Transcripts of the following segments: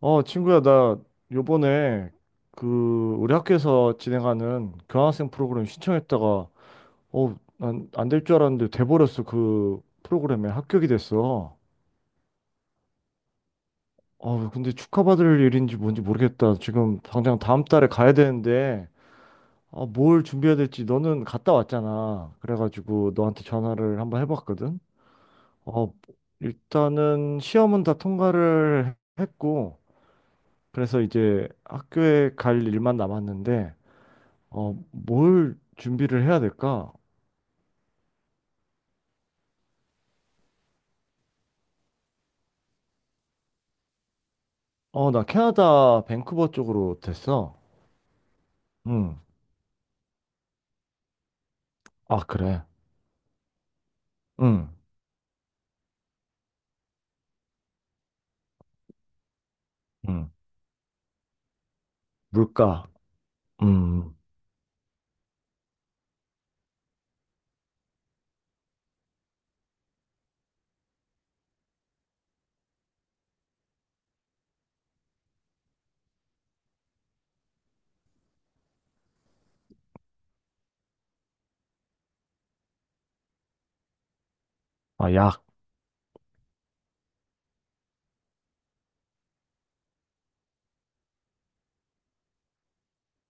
친구야, 나 요번에 그 우리 학교에서 진행하는 교환학생 프로그램 신청했다가 난 안 될 줄 알았는데 돼버렸어. 그 프로그램에 합격이 됐어. 근데 축하받을 일인지 뭔지 모르겠다. 지금 당장 다음 달에 가야 되는데 뭘 준비해야 될지 너는 갔다 왔잖아. 그래가지고 너한테 전화를 한번 해봤거든. 어, 일단은 시험은 다 통과를 했고 그래서 이제 학교에 갈 일만 남았는데 뭘 준비를 해야 될까? 나 캐나다 밴쿠버 쪽으로 됐어. 응. 아, 그래. 응. 응. 물가. 음. 아, 약.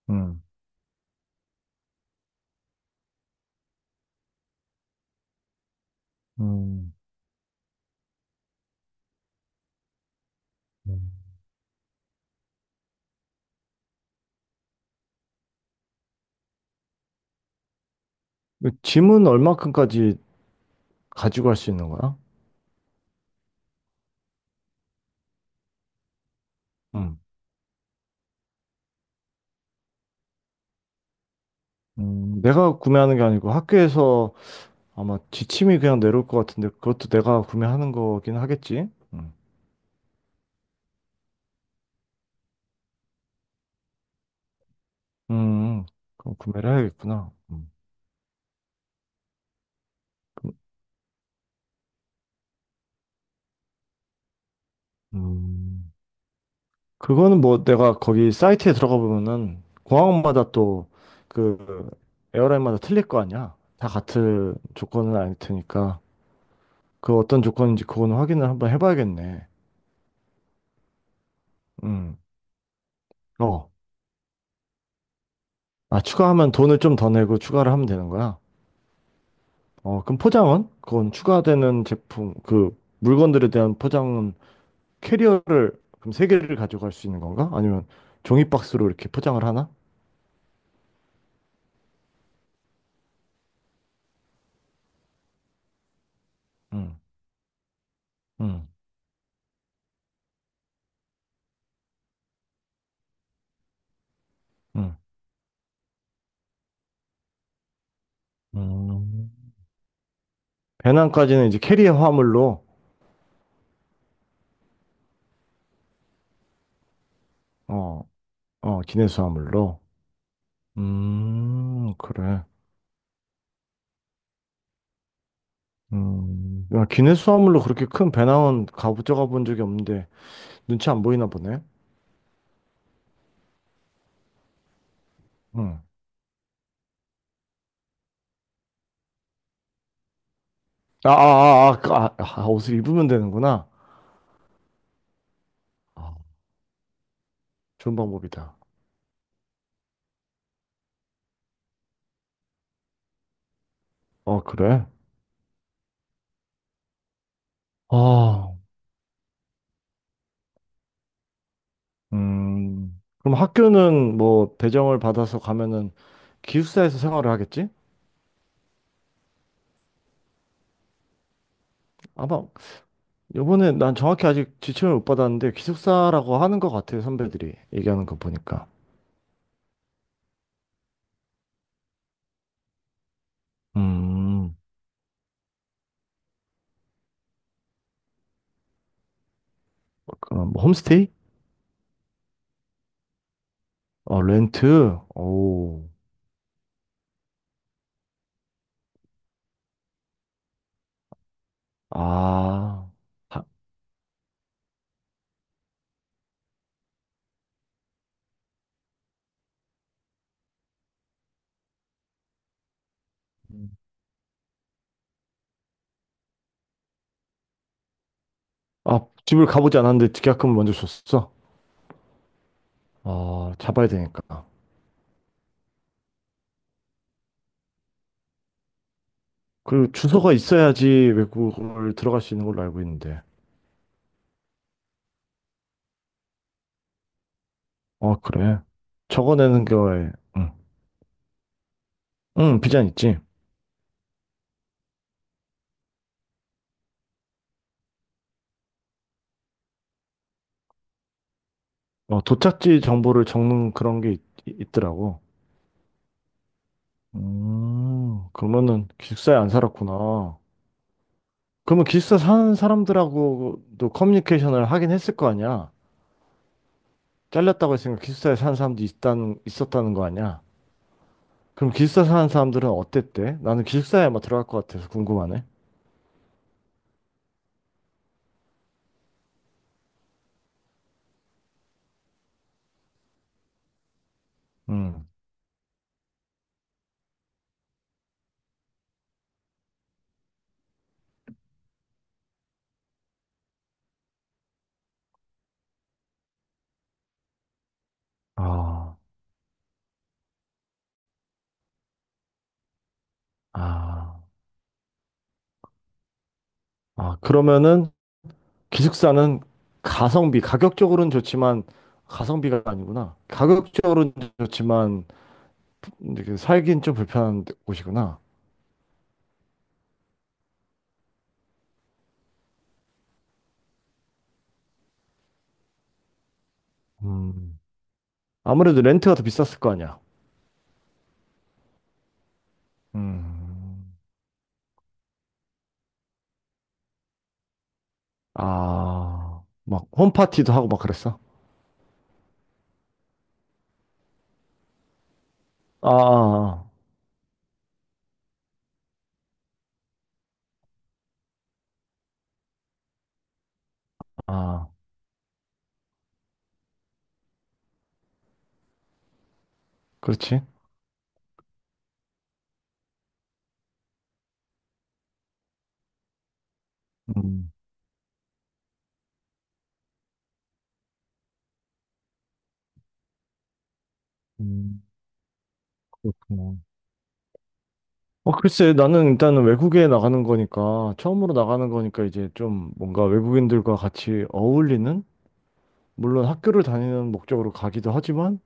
응. 음. 음. 그 짐은 얼마큼까지 가지고 갈 수 있는 거야? 응. 내가 구매하는 게 아니고 학교에서 아마 지침이 그냥 내려올 것 같은데 그것도 내가 구매하는 거긴 하겠지? 응. 음, 그럼 구매를 해야겠구나. 음. 그- 음. 그거는 뭐 내가 거기 사이트에 들어가 보면은 공항마다 또 그 에어라인마다 틀릴 거 아니야. 다 같은 조건은 아닐 테니까 그 어떤 조건인지 그거는 확인을 한번 해봐야겠네. 음. 어. 아, 추가하면 돈을 좀 더 내고 추가를 하면 되는 거야. 어, 그럼 포장은? 그건 추가되는 제품, 그 물건들에 대한 포장은 캐리어를 그럼 세 개를 가져갈 수 있는 건가? 아니면 종이 박스로 이렇게 포장을 하나? 응, 응, 응. 배낭까지는 이제 캐리어 화물로, 어, 어, 기내수 화물로. 그래. 야, 기내수 화물로 그렇게 큰 배낭은 가져가 본 적이 없는데, 눈치 안 보이나 보네. 응. 아, 아, 아, 아, 아, 아, 옷을 입으면 되는구나. 아, 좋은 방법이다. 어, 그래. 아, 그럼 학교는 뭐, 배정을 받아서 가면은 기숙사에서 생활을 하겠지? 아마 요번에 난 정확히 아직 지침을 못 받았는데 기숙사라고 하는 것 같아요, 선배들이 얘기하는 거 보니까. 음, 그럼 뭐 홈스테이? 어, 렌트? 오, 아, 아, 아, 집을 가보지 않았는데 계약금을 먼저 줬어? 아, 잡아야 되니까. 그리고 주소가 있어야지 외국을 들어갈 수 있는 걸로 알고 있는데. 아, 그래. 적어내는 거에, 응, 응, 비자는 있지. 어, 도착지 정보를 적는 있더라고. 그러면은 기숙사에 안 살았구나. 그러면 기숙사 사는 사람들하고도 커뮤니케이션을 하긴 했을 거 아니야? 잘렸다고 했으니까 기숙사에 사는 있었다는 거 아니야? 그럼 기숙사 사는 사람들은 어땠대? 나는 기숙사에 아마 들어갈 것 같아서 궁금하네. 음. 아, 아, 아, 그러면은 기숙사는 가격적으로는 좋지만 가성비가 아니구나. 가격적으로는 좋지만 이렇게 살긴 좀 불편한 곳이구나. 음. 아무래도 렌트가 더 비쌌을 거 아니야. 음, 아, 막 홈파티도 하고 막 그랬어? 아, 아, 아, 아. 그렇지. 음, 음, 그렇구나. 어, 글쎄, 나는 일단은 외국에 나가는 거니까, 처음으로 나가는 거니까 이제 좀 뭔가 외국인들과 같이 어울리는? 물론 학교를 다니는 목적으로 가기도 하지만,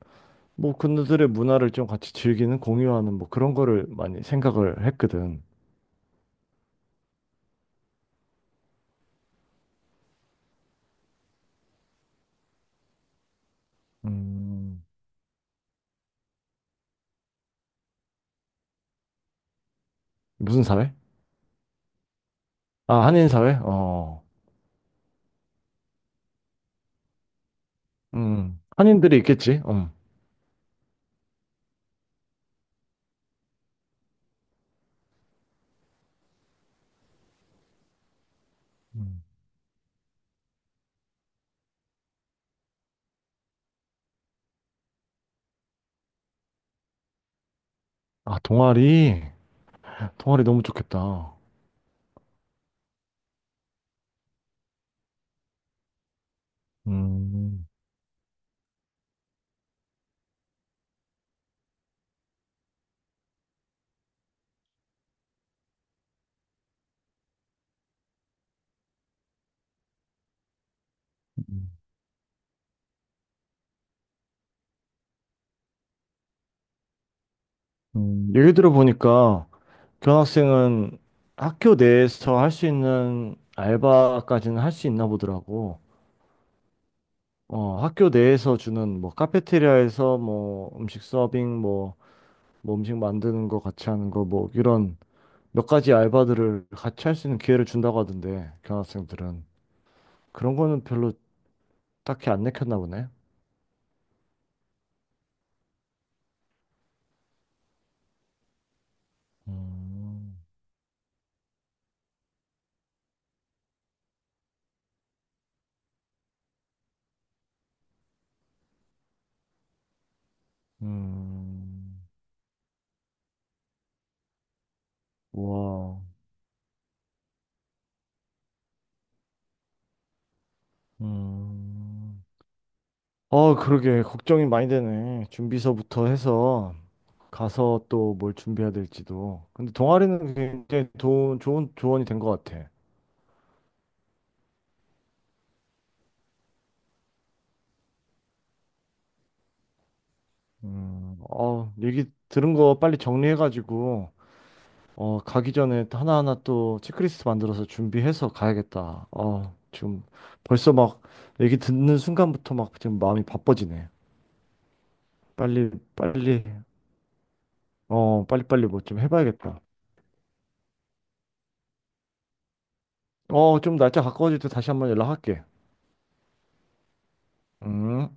뭐 그들의 문화를 좀 같이 즐기는, 공유하는 뭐 그런 거를 많이 생각을 했거든. 음, 무슨 사회? 아, 한인 사회? 어. 한인들이 있겠지. 어. 음. 아, 동아리. 동아리 너무 좋겠다. 음, 음, 얘기 들어보니까 교환학생은 학교 내에서 할 수 있는 알바까지는 할 수 있나 보더라고. 어, 학교 내에서 주는 뭐 카페테리아에서 뭐 음식 서빙 뭐, 뭐 음식 만드는 거 같이 하는 거 뭐 이런 몇 가지 알바들을 같이 할 수 있는 기회를 준다고 하던데 교환학생들은 그런 거는 별로 딱히 안 내켰나 보네. 음. 음, 와, 음. 아, 그러게. 걱정이 많이 되네. 준비서부터 해서 가서 또 뭘 준비해야 될지도. 근데 동아리는 좋은 조언이 된 것 같아. 어, 얘기 들은 거 빨리 정리해가지고, 어, 가기 전에 하나하나 또 체크리스트 만들어서 준비해서 가야겠다. 어, 지금 벌써 막 얘기 듣는 순간부터 막 지금 마음이 바빠지네. 빨리, 빨리, 어, 빨리빨리 뭐 좀 해봐야겠다. 어, 좀 날짜 가까워질 때 다시 한번 연락할게. 음.